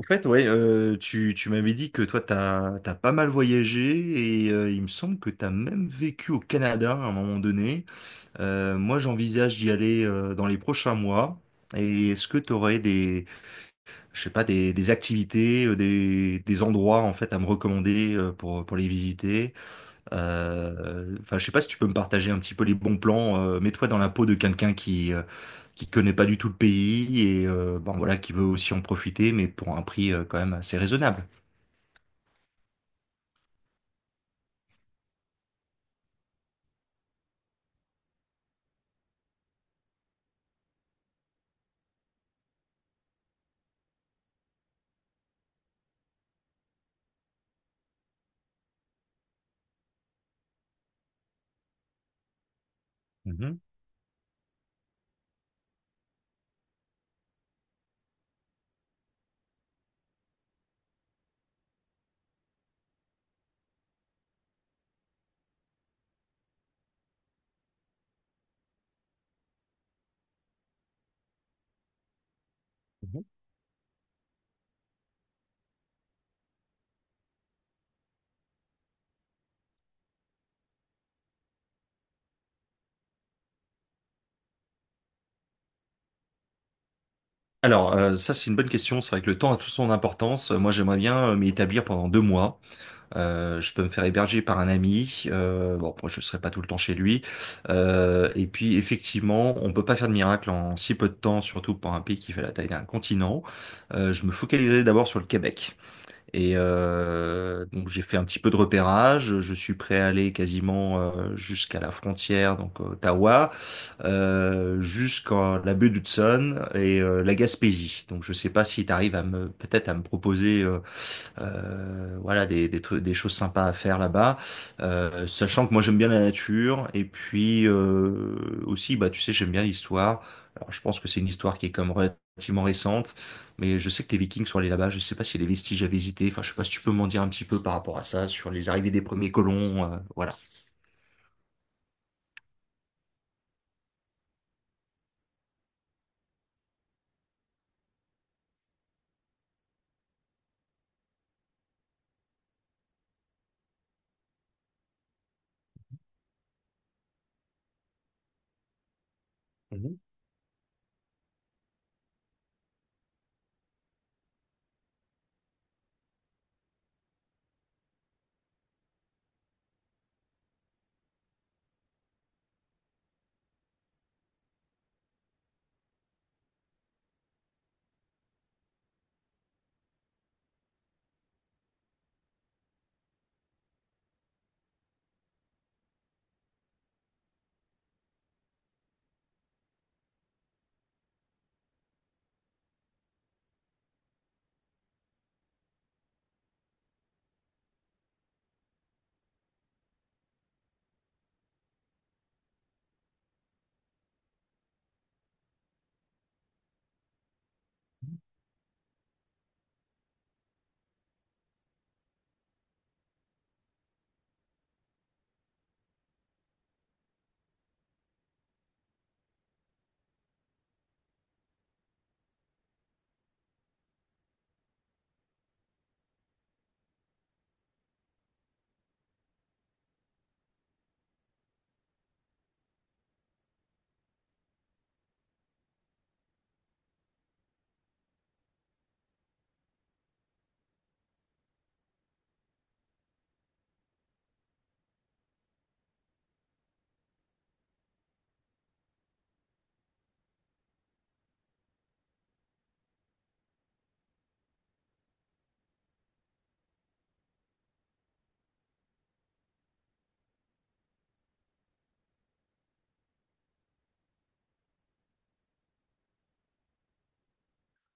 En fait, ouais, tu m'avais dit que toi, t'as pas mal voyagé et il me semble que t'as même vécu au Canada à un moment donné. Moi, j'envisage d'y aller dans les prochains mois. Et est-ce que tu aurais je sais pas, des activités, des endroits en fait à me recommander pour les visiter? Enfin, je sais pas si tu peux me partager un petit peu les bons plans. Mets-toi dans la peau de quelqu'un qui connaît pas du tout le pays et bon, voilà, qui veut aussi en profiter, mais pour un prix quand même assez raisonnable. Mhm, mhm. Alors, ça c'est une bonne question. C'est vrai que le temps a toute son importance. Moi, j'aimerais bien m'y établir pendant 2 mois. Je peux me faire héberger par un ami. Bon, moi, je serai pas tout le temps chez lui. Et puis, effectivement, on peut pas faire de miracle en si peu de temps, surtout pour un pays qui fait la taille d'un continent. Je me focaliserai d'abord sur le Québec. Et donc, j'ai fait un petit peu de repérage. Je suis prêt à aller quasiment jusqu'à la frontière, donc Ottawa. Jusqu'à la baie d'Hudson et la Gaspésie. Donc je sais pas si tu arrives à me peut-être à me proposer, voilà des trucs, des choses sympas à faire là-bas. Sachant que moi j'aime bien la nature et puis aussi bah tu sais j'aime bien l'histoire. Alors je pense que c'est une histoire qui est comme relativement récente, mais je sais que les Vikings sont allés là-bas. Je sais pas s'il y a des vestiges à visiter. Enfin je sais pas si tu peux m'en dire un petit peu par rapport à ça sur les arrivées des premiers colons. Voilà. Mmh mh.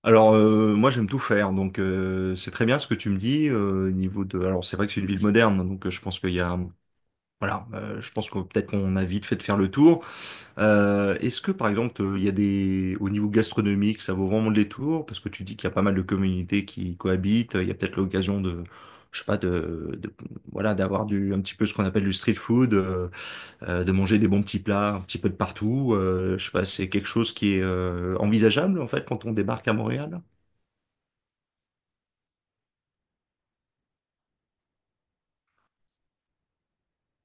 Alors, moi j'aime tout faire donc c'est très bien ce que tu me dis. Heu, niveau de alors c'est vrai que c'est une ville moderne, donc je pense qu'il y a. Voilà, je pense que peut-être qu'on a vite fait de faire le tour. Est-ce que par exemple, il y a au niveau gastronomique, ça vaut vraiment le détour? Parce que tu dis qu'il y a pas mal de communautés qui cohabitent. Il y a peut-être l'occasion de, je sais pas, de, voilà, d'avoir un petit peu ce qu'on appelle du street food, de manger des bons petits plats un petit peu de partout. Je sais pas, c'est quelque chose qui est envisageable en fait quand on débarque à Montréal?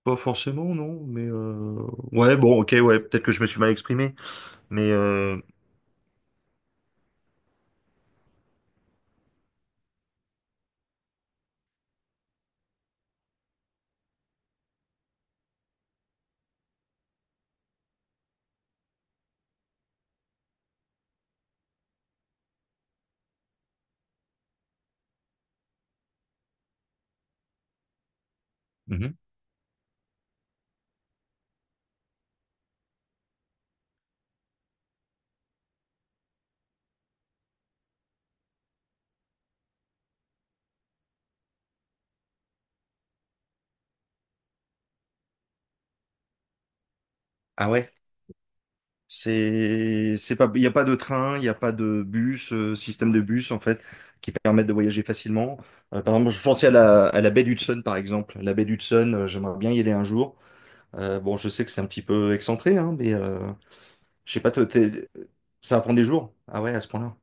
Pas forcément, non. Mais ouais, bon, ok, ouais, peut-être que je me suis mal exprimé, mais... Mhm. Ah ouais. C'est pas, il n'y a pas de train, il n'y a pas de bus, système de bus en fait, qui permettent de voyager facilement. Par exemple, je pensais à la baie d'Hudson par exemple. La baie d'Hudson, j'aimerais bien y aller un jour. Bon, je sais que c'est un petit peu excentré, hein, mais je sais pas, toi, ça prend des jours? Ah ouais, à ce point-là?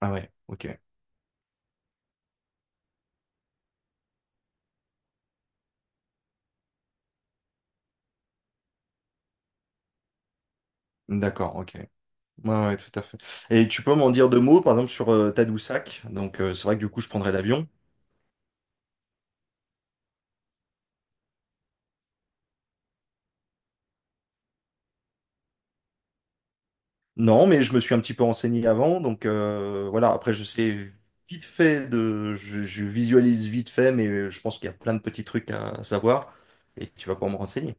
Ah ouais, ok. D'accord, ok. Ouais, ouais, tout à fait. Et tu peux m'en dire deux mots, par exemple, sur Tadoussac. Donc, c'est vrai que du coup, je prendrais l'avion. Non, mais je me suis un petit peu renseigné avant, donc, voilà. Après, je visualise vite fait, mais je pense qu'il y a plein de petits trucs à savoir et tu vas pouvoir me renseigner.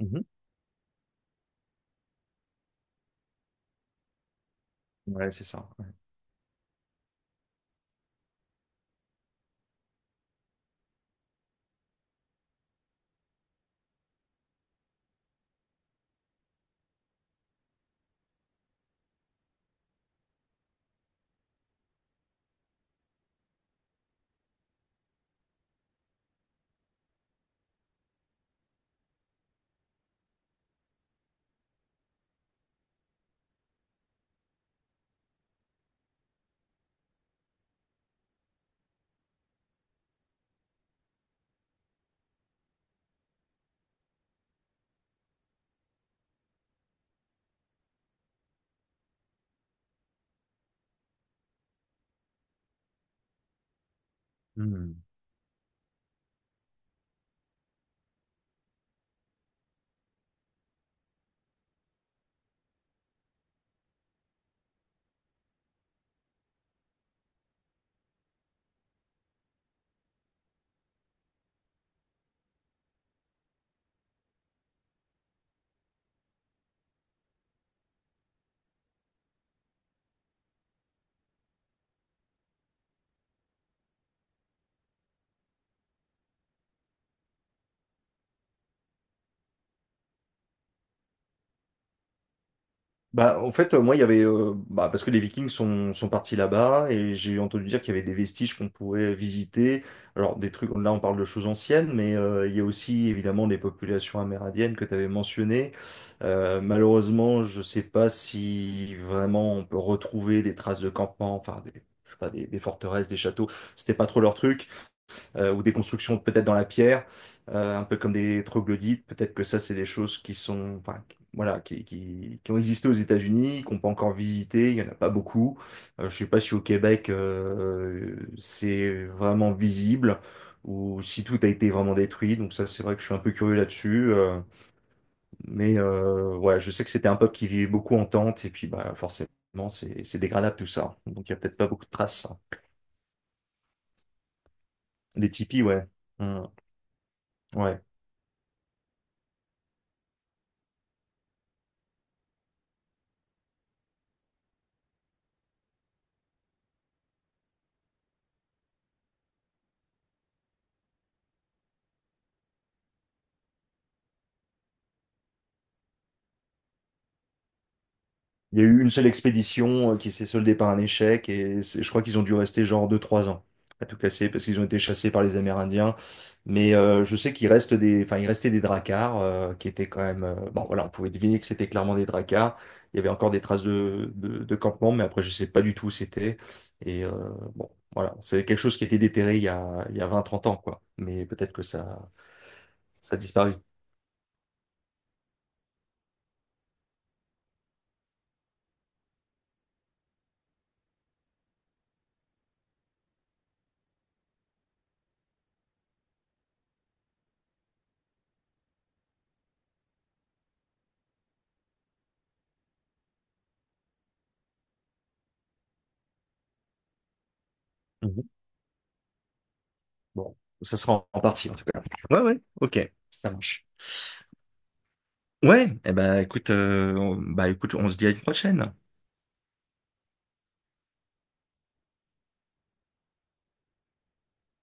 Mhm. Ouais, c'est ça. Ouais. Hmm. Bah, en fait, moi, il y avait. Bah, parce que les Vikings sont partis là-bas, et j'ai entendu dire qu'il y avait des vestiges qu'on pouvait visiter. Alors, des trucs, là, on parle de choses anciennes, mais il y a aussi, évidemment, les populations amérindiennes que tu avais mentionnées. Malheureusement, je sais pas si vraiment on peut retrouver des traces de campement, enfin, je sais pas, des forteresses, des châteaux. C'était pas trop leur truc, ou des constructions peut-être dans la pierre, un peu comme des troglodytes. Peut-être que ça, c'est des choses qui sont, enfin, voilà, qui ont existé aux États-Unis, qu'on peut encore visiter. Il y en a pas beaucoup. Je sais pas si au Québec, c'est vraiment visible ou si tout a été vraiment détruit. Donc ça, c'est vrai que je suis un peu curieux là-dessus. Mais ouais, je sais que c'était un peuple qui vivait beaucoup en tente et puis bah forcément, c'est dégradable tout ça. Donc il y a peut-être pas beaucoup de traces. Les tipis, ouais. Hmm. Ouais. Il y a eu une seule expédition qui s'est soldée par un échec et je crois qu'ils ont dû rester genre deux trois ans à tout casser parce qu'ils ont été chassés par les Amérindiens. Mais je sais qu'il reste enfin, il restait des dracars qui étaient quand même. Bon, voilà, on pouvait deviner que c'était clairement des dracars. Il y avait encore des traces de campement, mais après, je sais pas du tout où c'était. Et bon, voilà, c'est quelque chose qui était déterré il y a vingt trente ans, quoi. Mais peut-être que ça a disparu. Mhm. Bon, ça sera en partie, en tout cas. Ouais, ouais, ok, ça marche. Ouais, eh ben écoute, bah écoute, on se dit à une prochaine.